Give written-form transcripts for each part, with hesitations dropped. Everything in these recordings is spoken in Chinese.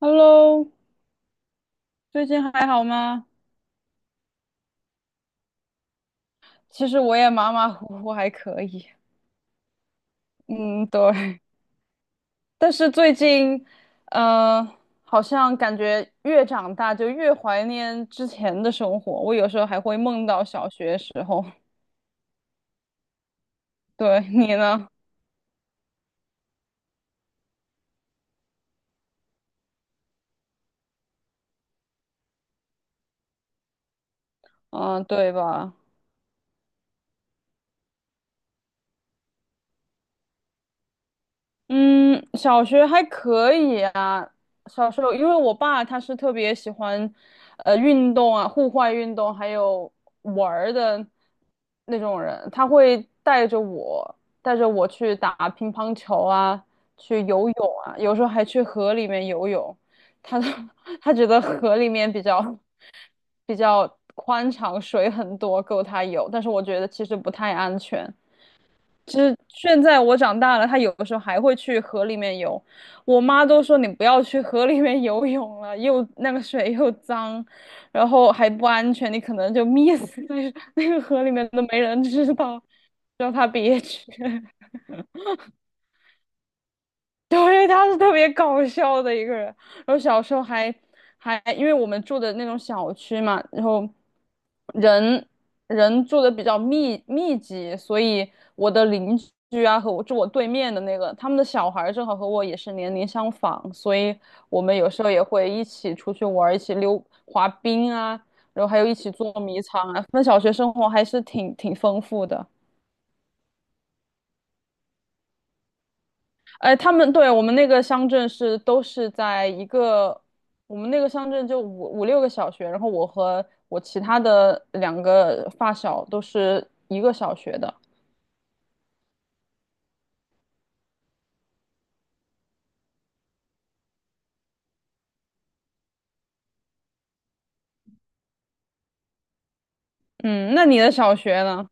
Hello，最近还好吗？其实我也马马虎虎，还可以。嗯，对。但是最近，呃，好像感觉越长大就越怀念之前的生活。我有时候还会梦到小学时候。对，你呢？嗯，对吧？嗯，小学还可以啊。小时候，因为我爸他是特别喜欢，运动啊，户外运动，还有玩儿的那种人，他会带着我，去打乒乓球啊，去游泳啊，有时候还去河里面游泳。他 他觉得河里面比较比较宽敞，水很多，够他游。但是我觉得其实不太安全。就是现在我长大了，他有的时候还会去河里面游。我妈都说你不要去河里面游泳了，又那个水又脏，然后还不安全，你可能就 溺死在那个河里面都没人知道，让他别去。对，他是特别搞笑的一个人。然后小时候还因为我们住的那种小区嘛，然后人人住的比较密集，所以我的邻居啊和我住我对面的那个，他们的小孩儿正好和我也是年龄相仿，所以我们有时候也会一起出去玩儿一起溜滑冰啊，然后还有一起捉迷藏啊。那小学生活还是挺丰富的。哎，他们对我们那个乡镇是都是在一个，我们那个乡镇就五六个小学，然后我和我其他的两个发小都是一个小学的。嗯，那你的小学呢？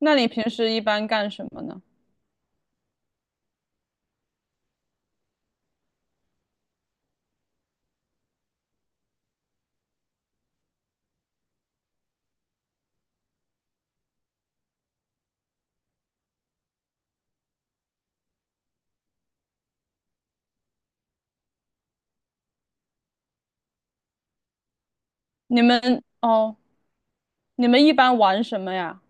那你平时一般干什么呢？你们哦，你们一般玩什么呀？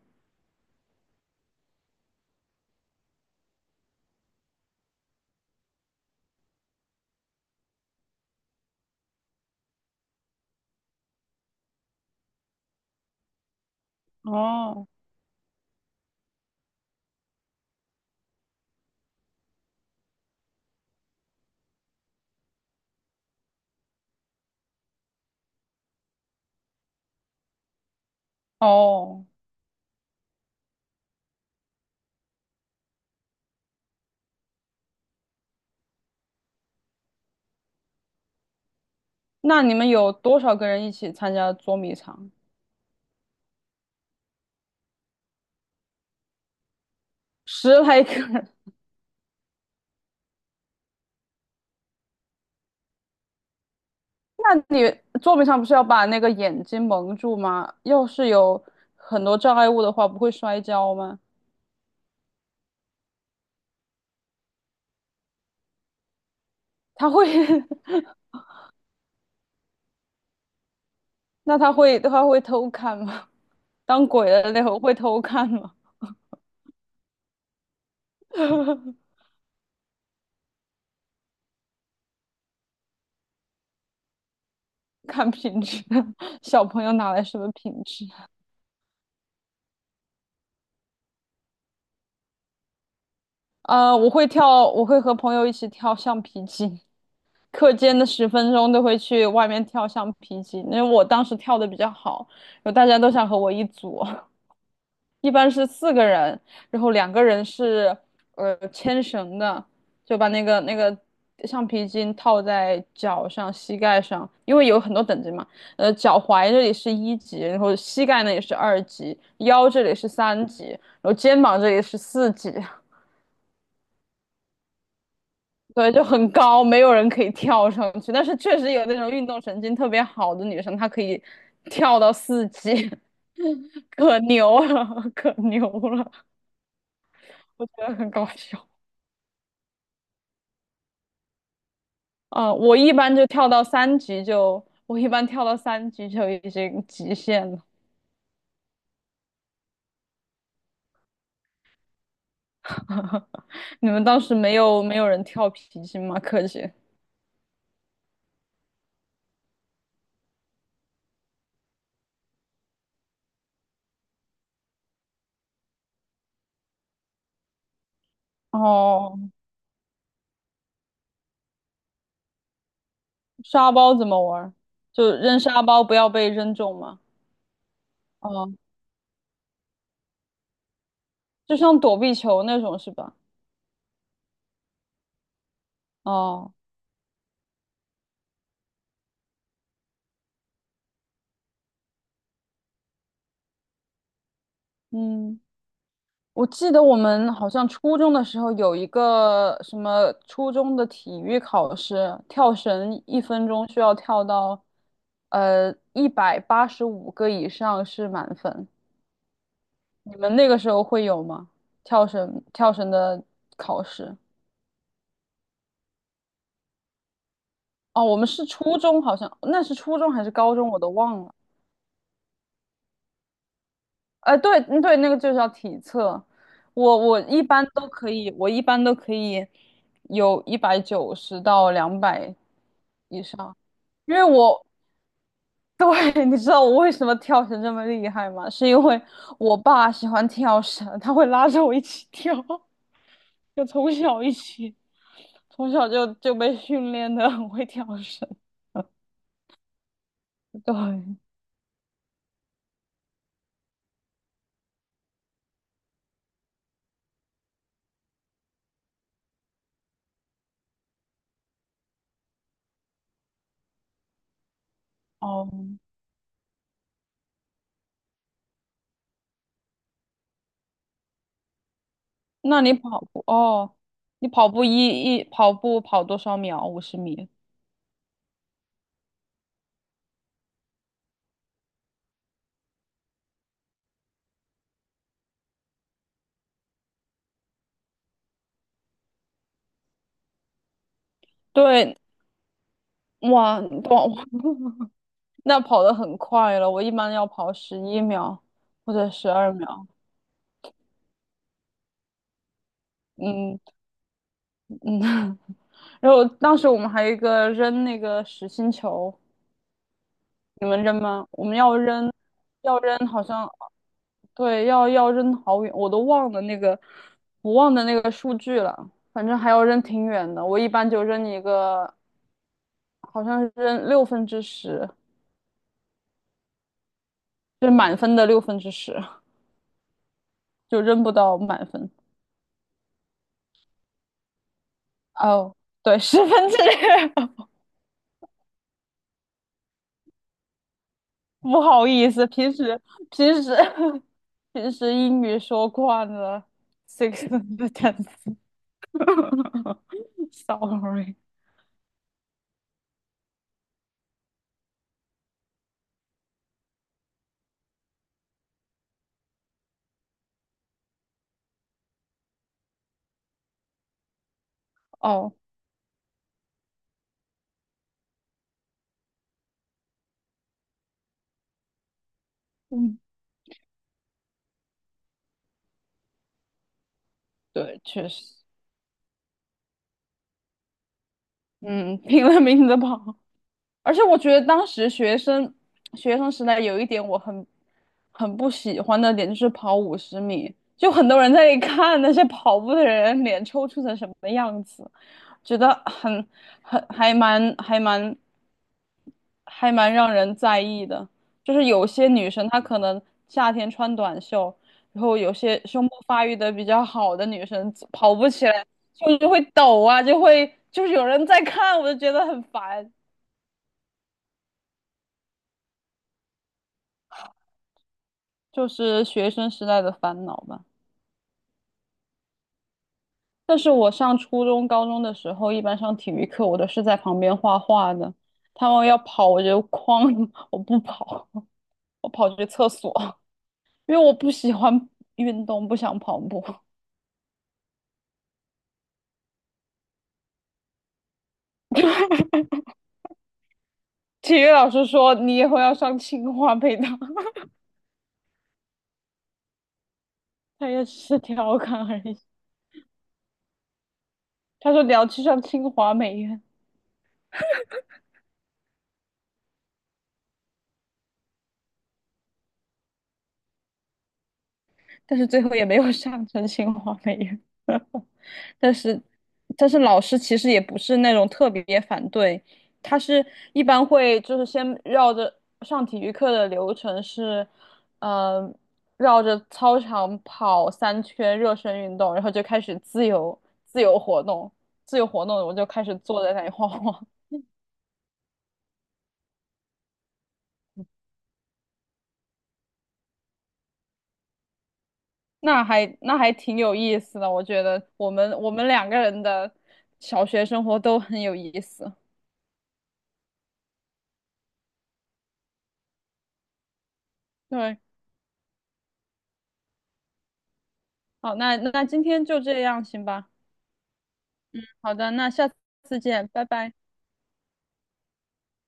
哦哦，那你们有多少个人一起参加捉迷藏？十来个人，那你作品上不是要把那个眼睛蒙住吗？要是有很多障碍物的话，不会摔跤吗？他会，那他会偷看吗？当鬼的那会偷看吗？看品质，小朋友哪来什么品质？我会和朋友一起跳橡皮筋，课间的10分钟都会去外面跳橡皮筋，因为我当时跳的比较好，有大家都想和我一组。一般是四个人，然后两个人是牵绳的，就把那个橡皮筋套在脚上、膝盖上，因为有很多等级嘛。脚踝这里是一级，然后膝盖呢也是二级，腰这里是三级，然后肩膀这里是四级。对，就很高，没有人可以跳上去。但是确实有那种运动神经特别好的女生，她可以跳到四级，可牛了，可牛了，我觉得很搞笑。哦，我一般就跳到三级就，我一般跳到三级就已经极限了。你们当时没有人跳皮筋吗？柯间？哦，沙包怎么玩儿？就扔沙包不要被扔中吗？哦，就像躲避球那种是吧？哦，嗯。我记得我们好像初中的时候有一个什么初中的体育考试，跳绳1分钟需要跳到185个以上是满分。你们那个时候会有吗？跳绳的考试？哦，我们是初中，好像那是初中还是高中，我都忘了。对嗯对，那个就叫体测。我一般都可以，有190到200以上，因为我 对，你知道我为什么跳绳这么厉害吗？是因为我爸喜欢跳绳，他会拉着我一起跳，就从小一起，从小就被训练的很会跳绳。对，哦，那你跑步哦，你跑步跑多少秒？五十米。对，哇，哇，那跑得很快了。我一般要跑11秒或者12秒。嗯嗯，然后当时我们还有一个扔那个实心球，你们扔吗？我们要扔，要扔，好像对，要扔好远，我都忘了那个，我忘了那个数据了。反正还要扔挺远的，我一般就扔一个，好像是扔六分之十。就是满分的六分之十，就扔不到满分。哦，对，6/10，不好意思，平时平时英语说惯了，six tenth。Sorry，哦，嗯，对，确实，嗯，拼了命的跑。而且我觉得当时学生时代有一点我很不喜欢的点就是跑五十米，就很多人在那看那些跑步的人脸抽搐成什么样子，觉得很还蛮还蛮还蛮让人在意的。就是有些女生她可能夏天穿短袖，然后有些胸部发育的比较好的女生跑步起来就会抖啊，就会就是有人在看，我就觉得很烦。就是学生时代的烦恼吧。但是我上初中、高中的时候，一般上体育课，我都是在旁边画画的。他们要跑，我就哐，我不跑，我跑去厕所，因为我不喜欢运动，不想跑步。体育老师说你以后要上清华北大，他也只是调侃而已。他说你要去上清华美院，但是最后也没有上成清华美院。但是，但是老师其实也不是那种特别反对，他是一般会就是先绕着上体育课的流程是，呃，绕着操场跑3圈热身运动，然后就开始自由活动，自由活动我就开始坐在那里晃晃，那还挺有意思的，我觉得我们两个人的小学生活都很有意思。对，好，那今天就这样，行吧。好的，那下次见，拜拜。